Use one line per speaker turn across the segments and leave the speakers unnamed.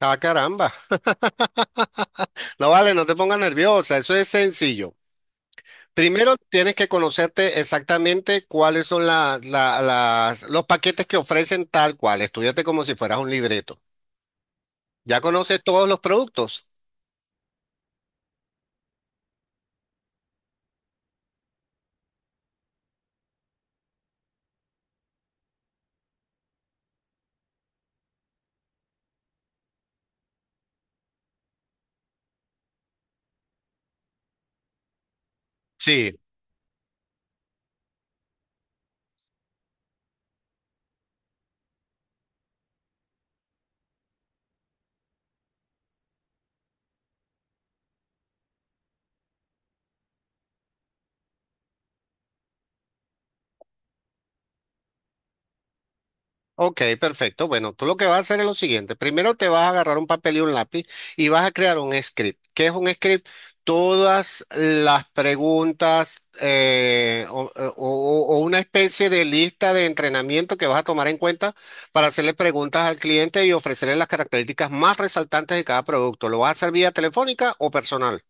Ah, caramba. No vale, no te pongas nerviosa, eso es sencillo. Primero tienes que conocerte exactamente cuáles son las los paquetes que ofrecen tal cual. Estudiate como si fueras un libreto. ¿Ya conoces todos los productos? Sí. Ok, perfecto. Bueno, tú lo que vas a hacer es lo siguiente. Primero te vas a agarrar un papel y un lápiz y vas a crear un script. ¿Qué es un script? Todas las preguntas o una especie de lista de entrenamiento que vas a tomar en cuenta para hacerle preguntas al cliente y ofrecerle las características más resaltantes de cada producto. ¿Lo vas a hacer vía telefónica o personal?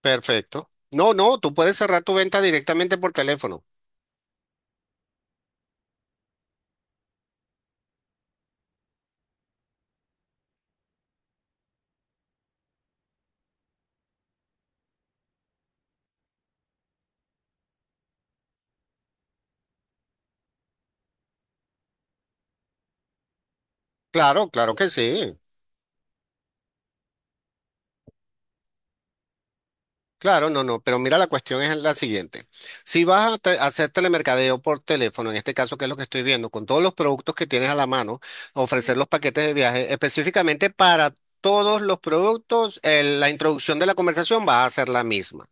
Perfecto. No, no, tú puedes cerrar tu venta directamente por teléfono. Claro, claro que sí. Claro, no, no, pero mira, la cuestión es la siguiente. Si a hacer telemercadeo por teléfono, en este caso que es lo que estoy viendo, con todos los productos que tienes a la mano, ofrecer los paquetes de viaje específicamente para todos los productos, la introducción de la conversación va a ser la misma.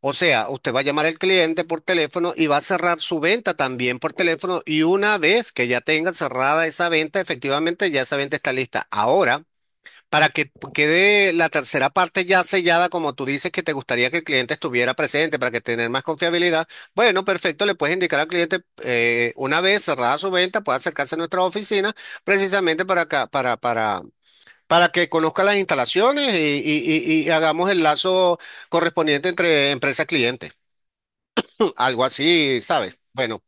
O sea, usted va a llamar al cliente por teléfono y va a cerrar su venta también por teléfono y una vez que ya tenga cerrada esa venta, efectivamente ya esa venta está lista. Ahora. Para que quede la tercera parte ya sellada, como tú dices que te gustaría que el cliente estuviera presente para que tener más confiabilidad. Bueno, perfecto, le puedes indicar al cliente una vez cerrada su venta, puede acercarse a nuestra oficina precisamente para acá, para que conozca las instalaciones y, y hagamos el lazo correspondiente entre empresa-cliente. Algo así, ¿sabes? Bueno,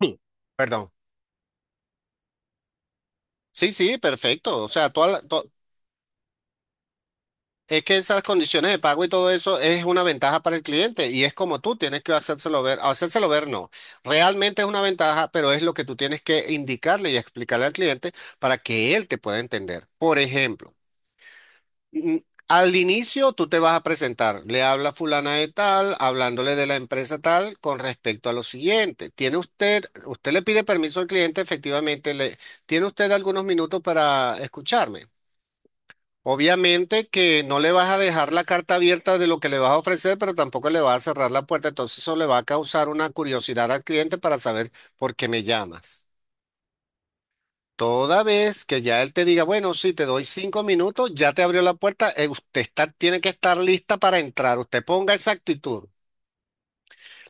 perdón. Sí, sí, perfecto. O sea, toda Es que esas condiciones de pago y todo eso es una ventaja para el cliente y es como tú tienes que hacérselo ver no. Realmente es una ventaja, pero es lo que tú tienes que indicarle y explicarle al cliente para que él te pueda entender. Por ejemplo, mm, al inicio tú te vas a presentar, le habla fulana de tal, hablándole de la empresa tal con respecto a lo siguiente. Tiene usted, usted le pide permiso al cliente, efectivamente, le, tiene usted algunos minutos para escucharme. Obviamente que no le vas a dejar la carta abierta de lo que le vas a ofrecer, pero tampoco le vas a cerrar la puerta. Entonces eso le va a causar una curiosidad al cliente para saber por qué me llamas. Toda vez que ya él te diga, bueno, sí, te doy 5 minutos, ya te abrió la puerta, usted está, tiene que estar lista para entrar. Usted ponga esa actitud.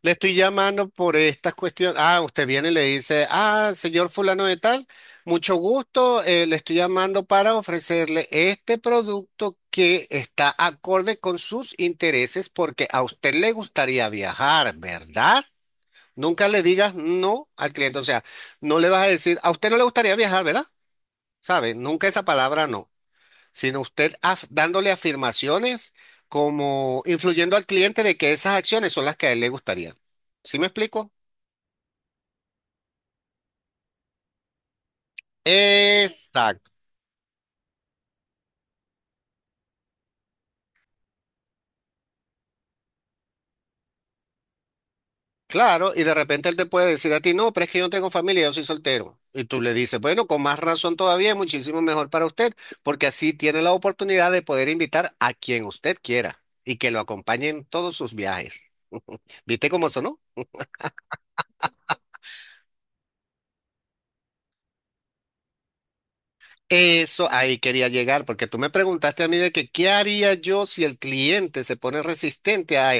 Le estoy llamando por estas cuestiones. Ah, usted viene y le dice, ah, señor fulano de tal, mucho gusto, le estoy llamando para ofrecerle este producto que está acorde con sus intereses porque a usted le gustaría viajar, ¿verdad? Nunca le digas no al cliente, o sea, no le vas a decir, a usted no le gustaría viajar, ¿verdad? ¿Sabe? Nunca esa palabra no, sino usted dándole afirmaciones como influyendo al cliente de que esas acciones son las que a él le gustaría. ¿Sí me explico? Exacto, claro, y de repente él te puede decir a ti, no, pero es que yo no tengo familia, yo soy soltero. Y tú le dices, bueno, con más razón todavía es muchísimo mejor para usted, porque así tiene la oportunidad de poder invitar a quien usted quiera y que lo acompañe en todos sus viajes. ¿Viste cómo sonó? Eso ahí quería llegar, porque tú me preguntaste a mí de que qué haría yo si el cliente se pone resistente a...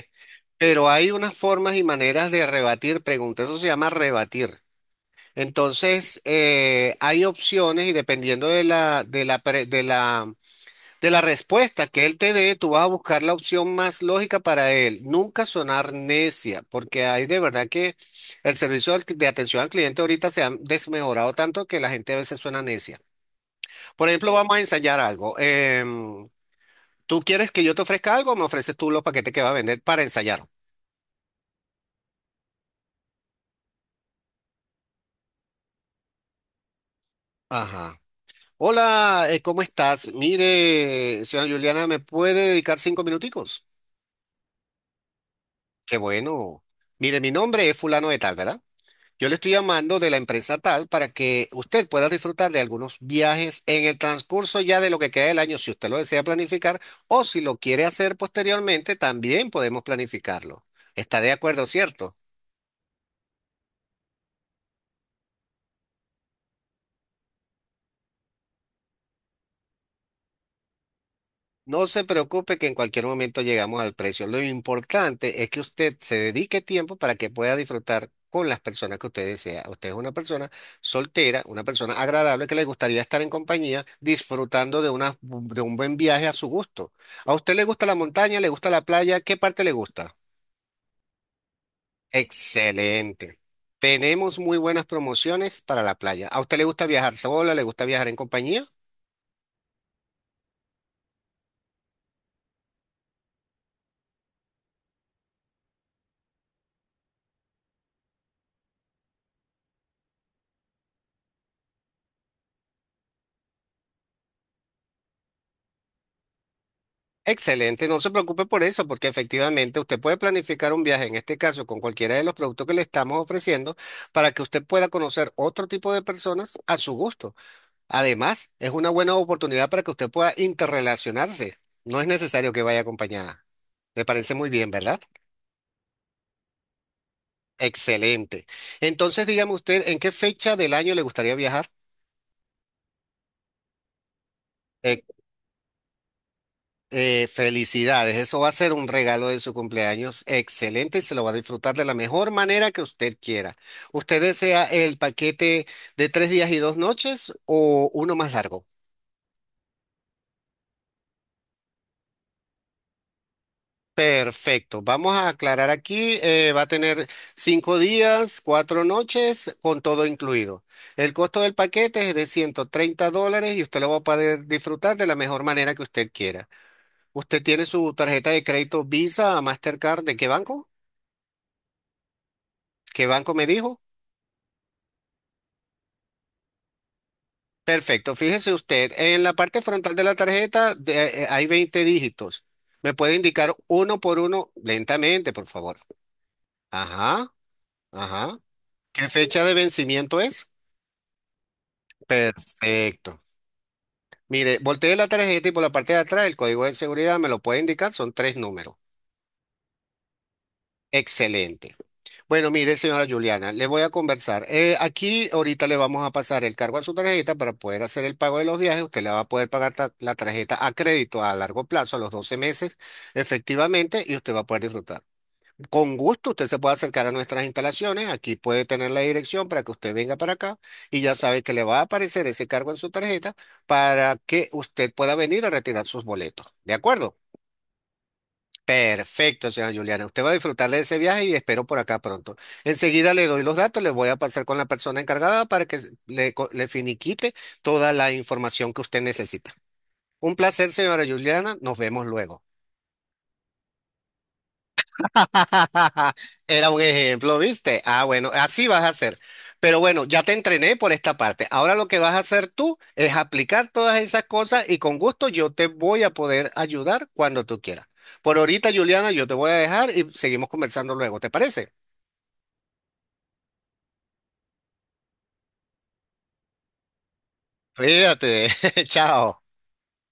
Pero hay unas formas y maneras de rebatir preguntas, eso se llama rebatir. Entonces, hay opciones y dependiendo de la de la respuesta que él te dé, tú vas a buscar la opción más lógica para él. Nunca sonar necia, porque hay de verdad que el servicio de atención al cliente ahorita se ha desmejorado tanto que la gente a veces suena necia. Por ejemplo, vamos a ensayar algo. ¿Tú quieres que yo te ofrezca algo o me ofreces tú los paquetes que va a vender para ensayar? Ajá. Hola, ¿cómo estás? Mire, señora Juliana, ¿me puede dedicar 5 minuticos? Qué bueno. Mire, mi nombre es fulano de tal, ¿verdad? Yo le estoy llamando de la empresa tal para que usted pueda disfrutar de algunos viajes en el transcurso ya de lo que queda del año, si usted lo desea planificar o si lo quiere hacer posteriormente, también podemos planificarlo. ¿Está de acuerdo, cierto? No se preocupe que en cualquier momento llegamos al precio. Lo importante es que usted se dedique tiempo para que pueda disfrutar con las personas que usted desea. Usted es una persona soltera, una persona agradable que le gustaría estar en compañía disfrutando de una, de un buen viaje a su gusto. ¿A usted le gusta la montaña? ¿Le gusta la playa? ¿Qué parte le gusta? Excelente. Tenemos muy buenas promociones para la playa. ¿A usted le gusta viajar sola? ¿Le gusta viajar en compañía? Excelente, no se preocupe por eso, porque efectivamente usted puede planificar un viaje, en este caso con cualquiera de los productos que le estamos ofreciendo, para que usted pueda conocer otro tipo de personas a su gusto. Además, es una buena oportunidad para que usted pueda interrelacionarse. No es necesario que vaya acompañada. Me parece muy bien, ¿verdad? Excelente. Entonces, dígame usted, ¿en qué fecha del año le gustaría viajar? Felicidades, eso va a ser un regalo de su cumpleaños excelente y se lo va a disfrutar de la mejor manera que usted quiera. ¿Usted desea el paquete de 3 días y 2 noches o uno más largo? Perfecto, vamos a aclarar aquí, va a tener 5 días, 4 noches, con todo incluido. El costo del paquete es de $130 y usted lo va a poder disfrutar de la mejor manera que usted quiera. ¿Usted tiene su tarjeta de crédito Visa, Mastercard, de qué banco? ¿Qué banco me dijo? Perfecto. Fíjese usted, en la parte frontal de la tarjeta hay 20 dígitos. ¿Me puede indicar uno por uno lentamente, por favor? Ajá, ajá. ¿Qué fecha de vencimiento es? Perfecto. Mire, volteé la tarjeta y por la parte de atrás el código de seguridad me lo puede indicar, son 3 números. Excelente. Bueno, mire, señora Juliana, le voy a conversar. Aquí ahorita le vamos a pasar el cargo a su tarjeta para poder hacer el pago de los viajes. Usted le va a poder pagar la tarjeta a crédito a largo plazo, a los 12 meses, efectivamente, y usted va a poder disfrutar. Con gusto, usted se puede acercar a nuestras instalaciones. Aquí puede tener la dirección para que usted venga para acá y ya sabe que le va a aparecer ese cargo en su tarjeta para que usted pueda venir a retirar sus boletos. ¿De acuerdo? Perfecto, señora Juliana. Usted va a disfrutar de ese viaje y espero por acá pronto. Enseguida le doy los datos, le voy a pasar con la persona encargada para que le, le finiquite toda la información que usted necesita. Un placer, señora Juliana. Nos vemos luego. Era un ejemplo, ¿viste? Ah, bueno, así vas a hacer. Pero bueno, ya te entrené por esta parte. Ahora lo que vas a hacer tú es aplicar todas esas cosas y con gusto yo te voy a poder ayudar cuando tú quieras. Por ahorita, Juliana, yo te voy a dejar y seguimos conversando luego, ¿te parece? Cuídate, chao.